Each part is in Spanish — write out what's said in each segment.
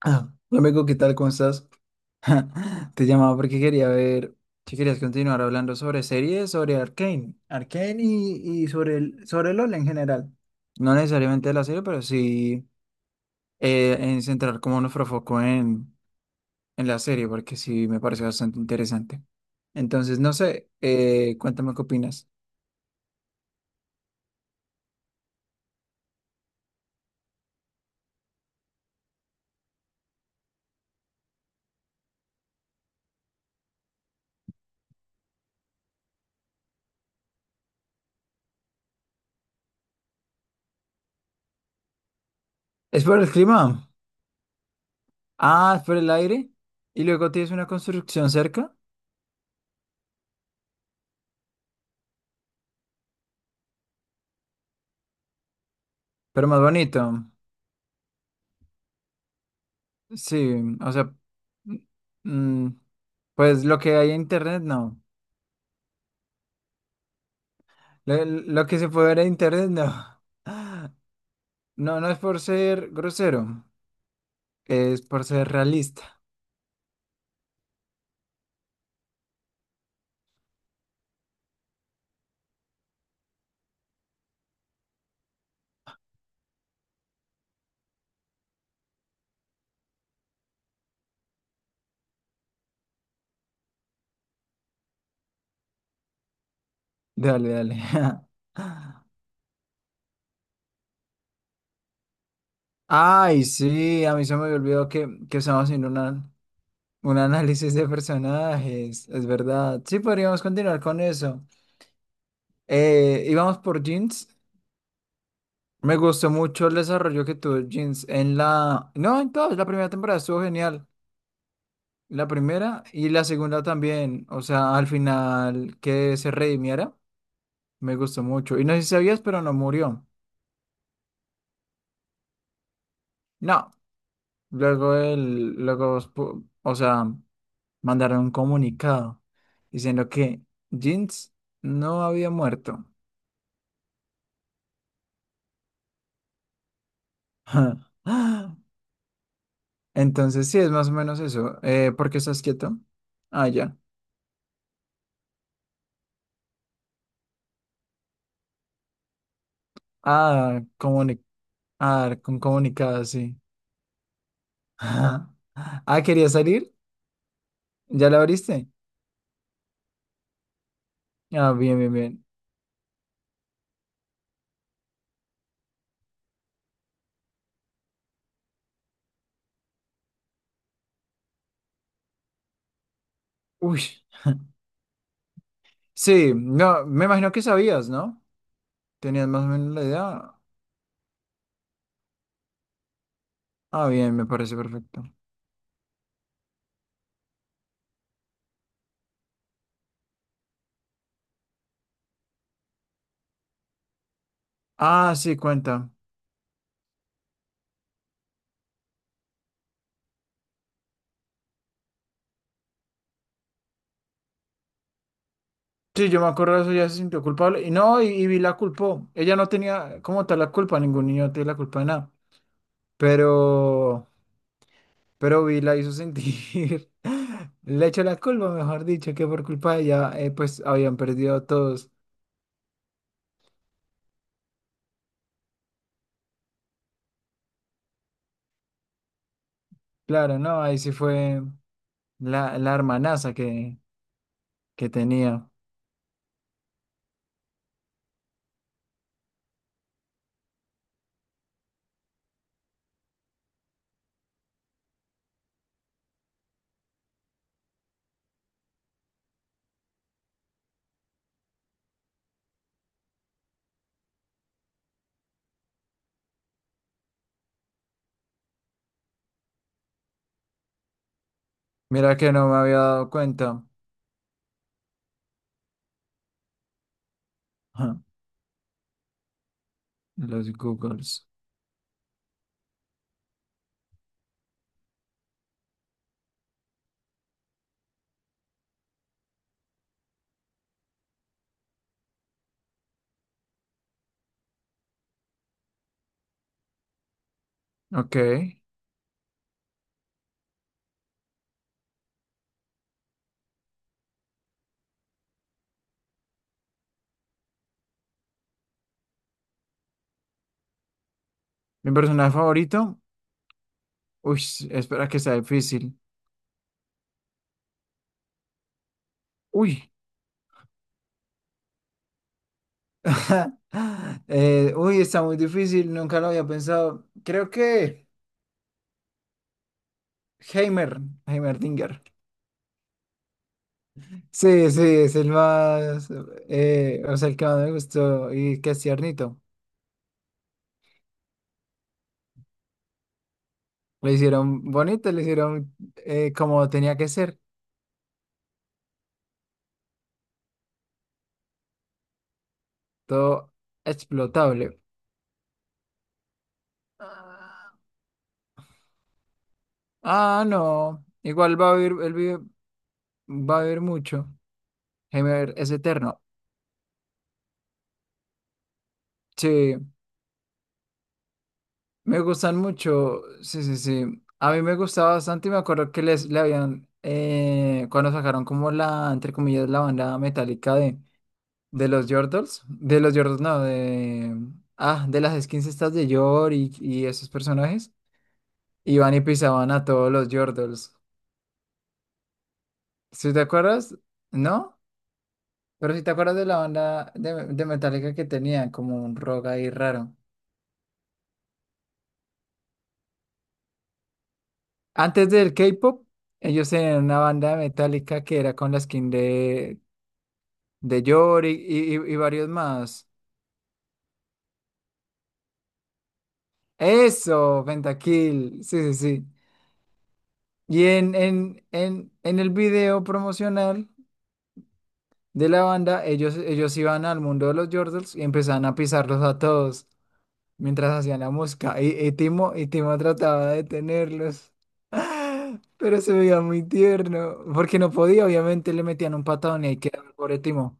Ah, Rebeco, ¿qué tal? ¿Cómo estás? Te llamaba porque quería ver si querías continuar hablando sobre series, sobre Arcane, Arcane y sobre sobre LOL en general. No necesariamente de la serie, pero sí en centrar como nuestro foco en la serie, porque sí me parece bastante interesante. Entonces, no sé, cuéntame qué opinas. ¿Es por el clima? Ah, ¿es por el aire? ¿Y luego tienes una construcción cerca? Pero más bonito. Sí, o sea, mm, pues lo que hay en internet no. Lo que se puede ver en internet no. No, no es por ser grosero, es por ser realista. Dale, dale. Ay, sí, a mí se me olvidó que estamos haciendo una- un análisis de personajes, es verdad. Sí, podríamos continuar con eso. Íbamos por Jeans. Me gustó mucho el desarrollo que tuvo Jeans en la... No, en toda la primera temporada estuvo genial. La primera y la segunda también, o sea, al final que se redimiera, me gustó mucho. Y no sé si sabías, pero no murió. No, luego él luego, spu- o sea, mandaron un comunicado diciendo que Jinx no había muerto. Entonces sí, es más o menos eso. ¿Por qué estás quieto? Ah, ya. Ah, ah, con comunicado, sí. Ah, ¿quería salir? ¿Ya la abriste? Ah, bien, bien, bien. Uy, sí, no, me imagino que sabías, ¿no? Tenías más o menos la idea. Ah, bien, me parece perfecto. Ah, sí, cuenta. Sí, yo me acuerdo de eso, ya se sintió culpable. Y no, y Vi la culpó. Ella no tenía como tal la culpa, ningún niño tiene la culpa de nada. Pero, pero Vi la hizo sentir. Le echó la culpa, mejor dicho, que por culpa de ella, pues habían perdido a todos. Claro, no, ahí sí fue la hermanaza que tenía. Mira que no me había dado cuenta. Los Googles. Ok. Mi personaje favorito. Uy, espera que sea difícil. Uy. Está muy difícil. Nunca lo había pensado. Creo que Heimer. Heimerdinger. Sí, sí, es el más. O sea, el que más me gustó. Y que es tiernito. Lo hicieron bonito, lo hicieron como tenía que ser. Todo explotable. Ah, no. Igual va a vivir, va a vivir mucho. Heimer es eterno. Sí, me gustan mucho. Sí, sí, sí. A mí me gustaba bastante y me acuerdo que les le habían, cuando sacaron como la, entre comillas, la banda metálica de los Yordles, no, ah, de las skins estas de Yor y esos personajes, iban y pisaban a todos los Yordles. ¿Sí te acuerdas? ¿No? Pero si te acuerdas de la banda de Metallica que tenía como un rock ahí raro. Antes del K-pop, ellos tenían una banda metálica que era con la skin de Yor y varios más. Eso, Pentakill. Sí, sí, sí. Y en el video promocional de la banda, ellos iban al mundo de los Jordals y empezaban a pisarlos a todos mientras hacían la música. Y Timo trataba de detenerlos. Pero se veía muy tierno, porque no podía, obviamente le metían un patadón y ahí quedaba el pobre Timo.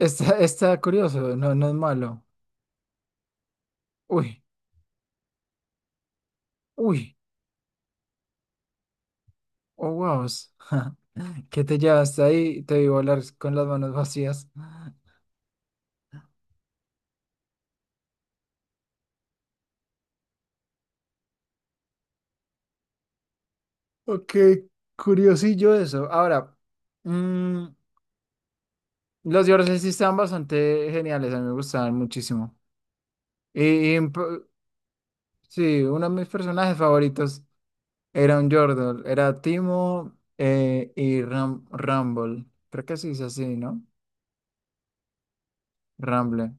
Está curioso, no es malo. Uy, uy, oh wow. ¿Qué te llevaste ahí? Te vi volar con las manos vacías. Ok, curiosillo eso. Ahora, mm, los dioses sí estaban bastante geniales, a mí me gustaban muchísimo. Y, y, p- sí, uno de mis personajes favoritos era un Yordle, era Timo y Ram Rumble. Creo que se dice así, ¿no? Rumble.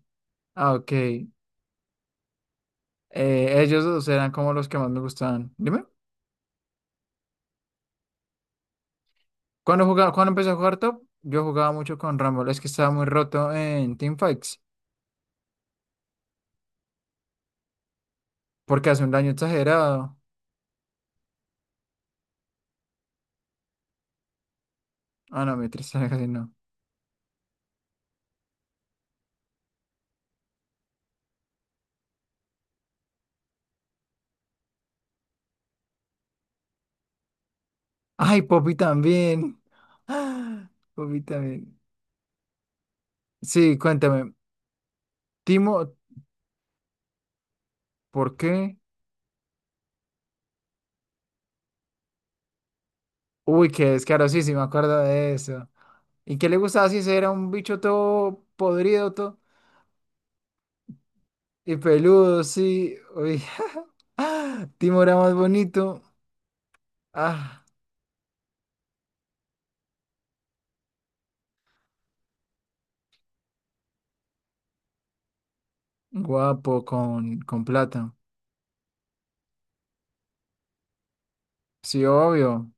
Ah, ok. Ellos dos eran como los que más me gustaban. Dime, cuando jugaba, cuando empecé a jugar Top, yo jugaba mucho con Rumble. Es que estaba muy roto en Teamfights, porque hace un daño exagerado. Ah, no, mientras casi no. Ay, Poppy también. Ah, Poppy también. Sí, cuéntame. Timo, ¿por qué? Uy, qué descaro, sí, sí, me acuerdo de eso. ¿Y qué le gustaba si ese era un bicho todo podrido, todo y peludo, sí? Uy, Timo era más bonito. Ah. Guapo con plata. Sí, obvio.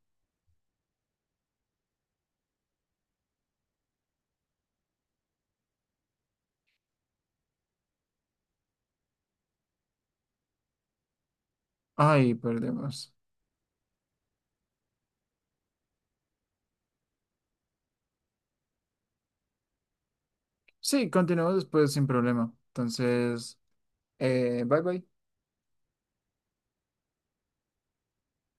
Ay, perdemos. Sí, continuamos después sin problema. Entonces, bye bye.